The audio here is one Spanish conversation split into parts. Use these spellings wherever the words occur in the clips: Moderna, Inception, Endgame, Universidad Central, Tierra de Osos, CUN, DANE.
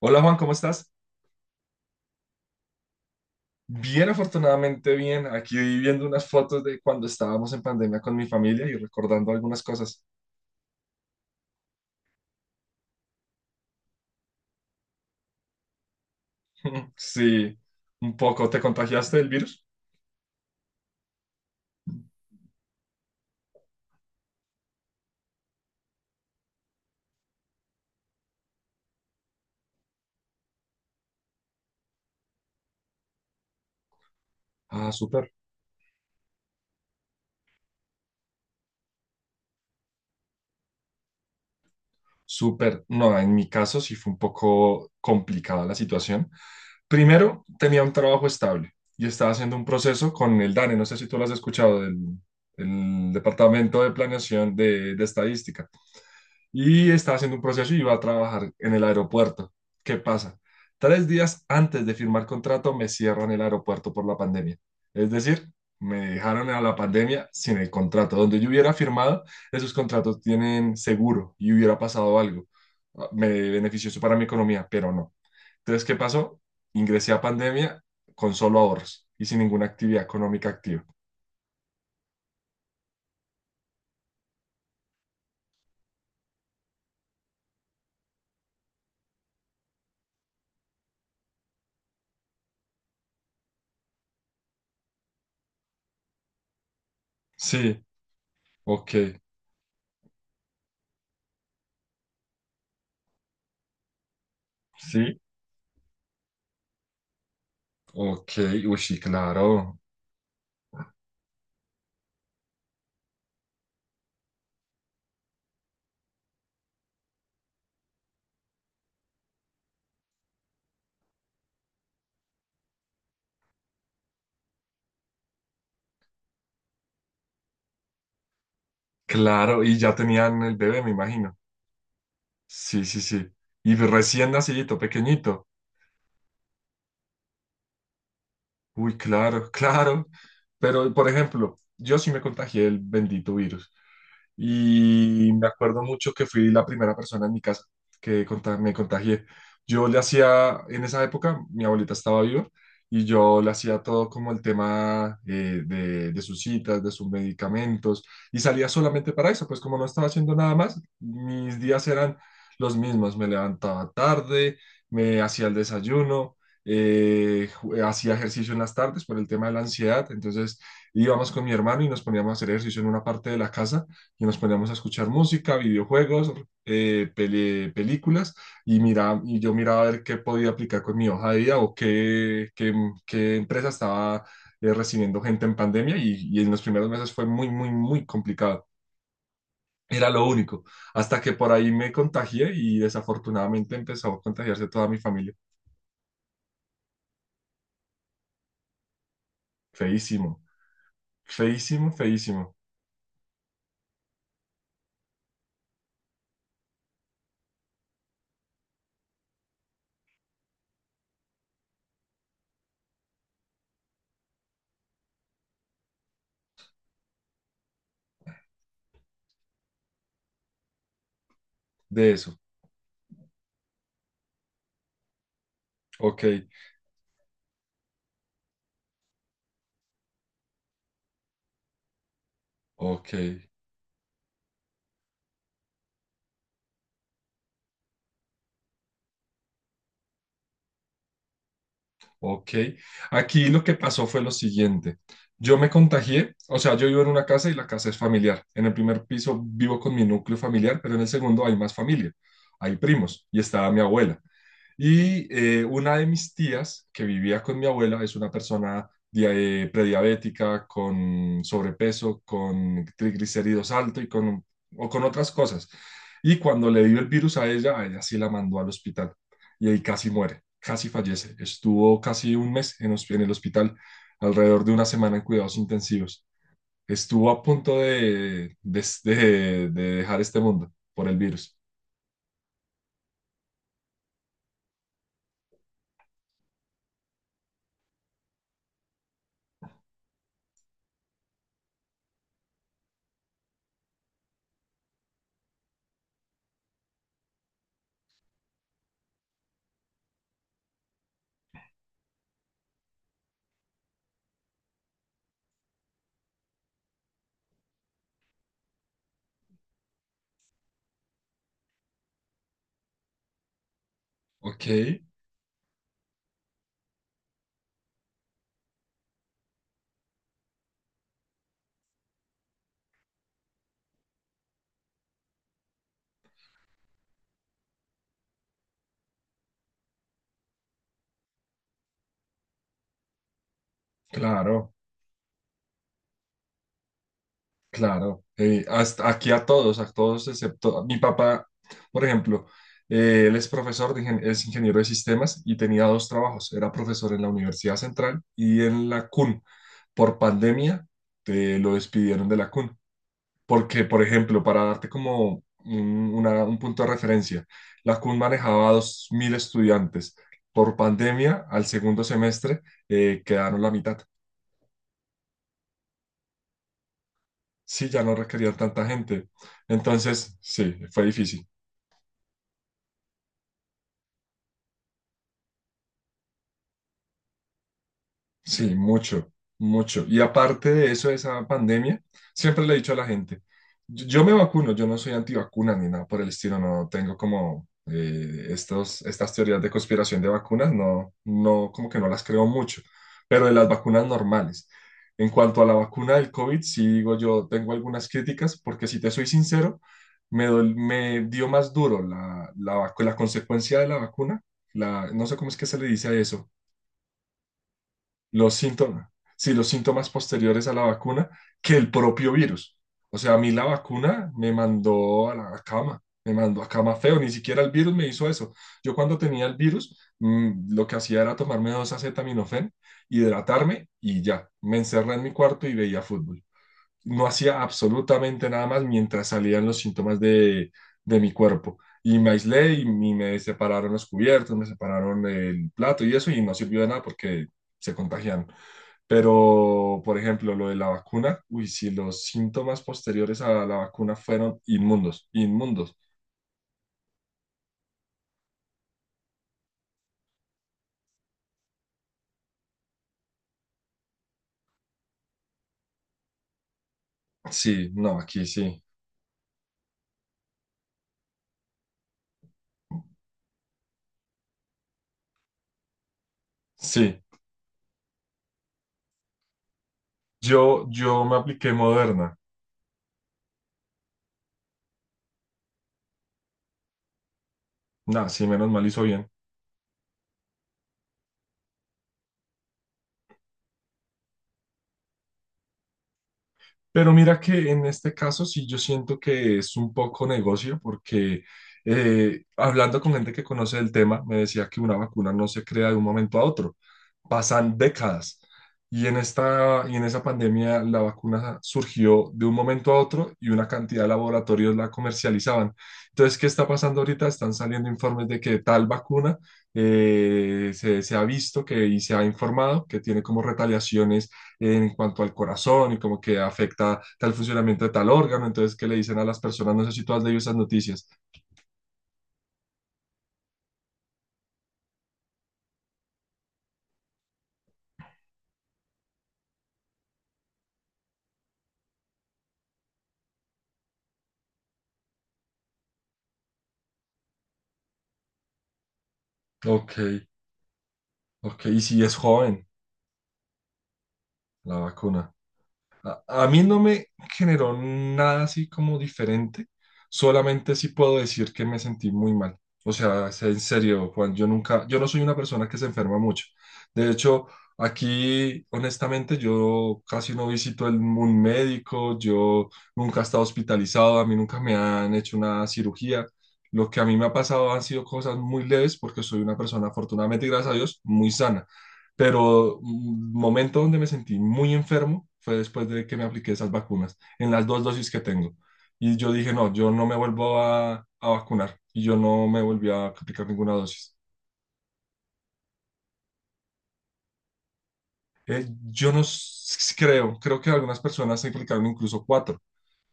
Hola Juan, ¿cómo estás? Bien, afortunadamente bien. Aquí viendo unas fotos de cuando estábamos en pandemia con mi familia y recordando algunas cosas. Sí, un poco. ¿Te contagiaste del virus? Ah, súper. Súper, no, en mi caso sí fue un poco complicada la situación. Primero, tenía un trabajo estable y estaba haciendo un proceso con el DANE, no sé si tú lo has escuchado, del, el Departamento de Planeación de Estadística y estaba haciendo un proceso y iba a trabajar en el aeropuerto. ¿Qué pasa? Tres días antes de firmar contrato me cierran el aeropuerto por la pandemia. Es decir, me dejaron a la pandemia sin el contrato. Donde yo hubiera firmado, esos contratos tienen seguro y hubiera pasado algo. Ah, me benefició eso para mi economía, pero no. Entonces, ¿qué pasó? Ingresé a pandemia con solo ahorros y sin ninguna actividad económica activa. Sí, ok, sí, ok, uy, sí, claro. Claro, y ya tenían el bebé, me imagino. Sí, sí, sí. Y recién nacidito, pequeñito. Uy, claro, claro. Pero, por ejemplo, yo sí me contagié el bendito virus. Y me acuerdo mucho que fui la primera persona en mi casa que me contagié. Yo le hacía, en esa época, mi abuelita estaba viva y yo le hacía todo como el tema de sus citas, de sus medicamentos y salía solamente para eso, pues como no estaba haciendo nada más, mis días eran los mismos, me levantaba tarde, me hacía el desayuno. Hacía ejercicio en las tardes por el tema de la ansiedad, entonces íbamos con mi hermano y nos poníamos a hacer ejercicio en una parte de la casa y nos poníamos a escuchar música, videojuegos, películas y, mira, y yo miraba a ver qué podía aplicar con mi hoja de vida o qué empresa estaba recibiendo gente en pandemia y en los primeros meses fue muy, muy, muy complicado. Era lo único, hasta que por ahí me contagié y desafortunadamente empezó a contagiarse toda mi familia. Feísimo, feísimo, feísimo de eso. Ok, ok. Ok. Aquí lo que pasó fue lo siguiente. Yo me contagié, o sea, yo vivo en una casa y la casa es familiar. En el primer piso vivo con mi núcleo familiar, pero en el segundo hay más familia, hay primos y estaba mi abuela. Y una de mis tías que vivía con mi abuela es una persona prediabética, con sobrepeso, con triglicéridos alto y con, o con otras cosas. Y cuando le dio el virus a ella sí la mandó al hospital y ahí casi muere, casi fallece. Estuvo casi un mes en el hospital, alrededor de una semana en cuidados intensivos. Estuvo a punto de dejar este mundo por el virus. Ok, claro. Claro, hasta aquí a todos excepto mi papá, por ejemplo, él es profesor, es ingeniero de sistemas y tenía dos trabajos, era profesor en la Universidad Central y en la CUN. Por pandemia te lo despidieron de la CUN, porque, por ejemplo, para darte como un punto de referencia, la CUN manejaba 2000 estudiantes. Por pandemia, al segundo semestre, quedaron la mitad. Sí, ya no requerían tanta gente. Entonces, sí, fue difícil. Sí, mucho, mucho. Y aparte de eso, de esa pandemia, siempre le he dicho a la gente, yo me vacuno, yo no soy antivacuna ni nada por el estilo, no tengo como estas teorías de conspiración de vacunas, no, no, como que no las creo mucho, pero de las vacunas normales. En cuanto a la vacuna del COVID, sí digo yo, tengo algunas críticas, porque si te soy sincero, me dio más duro la consecuencia de la vacuna, la, no sé cómo es que se le dice a eso, los síntomas, sí, los síntomas posteriores a la vacuna que el propio virus. O sea, a mí la vacuna me mandó a la cama, me mandó a cama feo, ni siquiera el virus me hizo eso. Yo cuando tenía el virus, lo que hacía era tomarme 2 acetaminofén, hidratarme y ya, me encerré en mi cuarto y veía fútbol. No hacía absolutamente nada más mientras salían los síntomas de mi cuerpo. Y me aislé y me separaron los cubiertos, me separaron el plato y eso, y no sirvió de nada porque se contagiaron. Pero, por ejemplo, lo de la vacuna, uy, si los síntomas posteriores a la vacuna fueron inmundos, inmundos. Sí, no, aquí sí, sí. Yo me apliqué Moderna. Nah, sí, menos mal hizo bien. Pero mira que en este caso sí yo siento que es un poco negocio porque hablando con gente que conoce el tema, me decía que una vacuna no se crea de un momento a otro, pasan décadas. Y en esta, y en esa pandemia la vacuna surgió de un momento a otro y una cantidad de laboratorios la comercializaban. Entonces, ¿qué está pasando ahorita? Están saliendo informes de que tal vacuna se ha visto que, y se ha informado que tiene como retaliaciones en cuanto al corazón y como que afecta tal funcionamiento de tal órgano, entonces qué le dicen a las personas, no sé si tú has leído esas noticias. Ok, ok, y si es joven la vacuna. A mí no me generó nada así como diferente, solamente sí puedo decir que me sentí muy mal. O sea, es en serio, Juan, yo nunca, yo no soy una persona que se enferma mucho. De hecho, aquí, honestamente, yo casi no visito el, un médico, yo nunca he estado hospitalizado, a mí nunca me han hecho una cirugía. Lo que a mí me ha pasado han sido cosas muy leves porque soy una persona, afortunadamente, y gracias a Dios, muy sana, pero un momento donde me sentí muy enfermo fue después de que me apliqué esas vacunas, en las 2 dosis que tengo. Y yo dije, no, yo no me vuelvo a vacunar. Y yo no me volví a aplicar ninguna dosis. Yo no s- creo, creo que algunas personas se aplicaron incluso cuatro.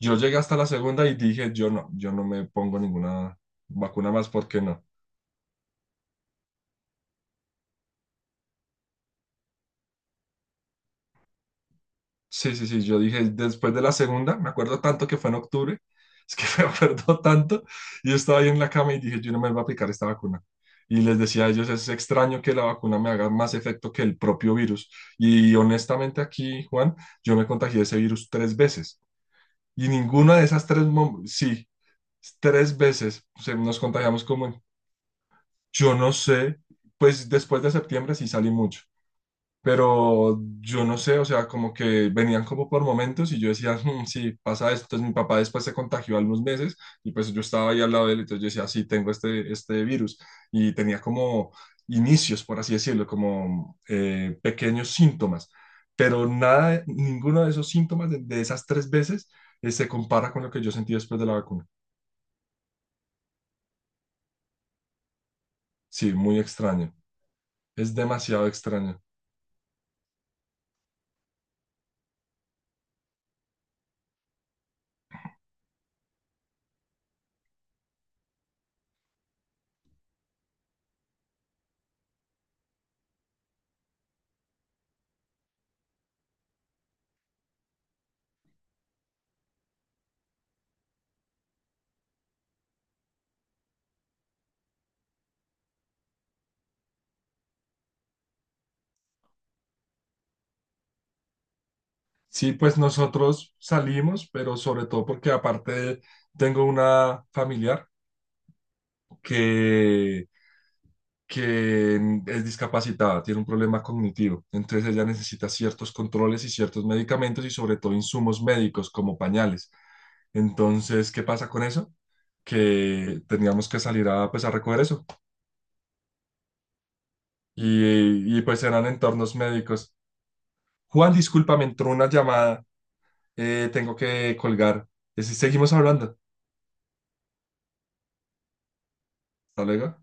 Yo llegué hasta la segunda y dije, yo no, yo no me pongo ninguna vacuna más, ¿por qué no? Sí, sí, sí, yo dije después de la segunda, me acuerdo tanto que fue en octubre, es que me acuerdo tanto, y yo estaba ahí en la cama y dije, yo no me voy a aplicar esta vacuna. Y les decía a ellos, es extraño que la vacuna me haga más efecto que el propio virus. Y honestamente aquí, Juan, yo me contagié de ese virus 3 veces, y ninguna de esas 3, sí, 3 veces, o sea, nos contagiamos como, yo no sé, pues después de septiembre sí salí mucho. Pero yo no sé, o sea, como que venían como por momentos y yo decía, "Hmm, sí, pasa esto". Entonces mi papá después se contagió a unos meses y pues yo estaba ahí al lado de él, entonces yo decía, sí, tengo este, este virus. Y tenía como inicios, por así decirlo, como pequeños síntomas. Pero nada, ninguno de esos síntomas de esas tres veces se compara con lo que yo sentí después de la vacuna. Sí, muy extraño. Es demasiado extraño. Sí, pues nosotros salimos, pero sobre todo porque aparte tengo una familiar que, que es discapacitada, tiene un problema cognitivo, entonces ella necesita ciertos controles y ciertos medicamentos y sobre todo insumos médicos como pañales. Entonces, ¿qué pasa con eso? Que teníamos que salir a, pues, a recoger eso y, pues eran entornos médicos. Juan, disculpa, me entró una llamada, tengo que colgar. Sí, seguimos hablando. Hasta luego.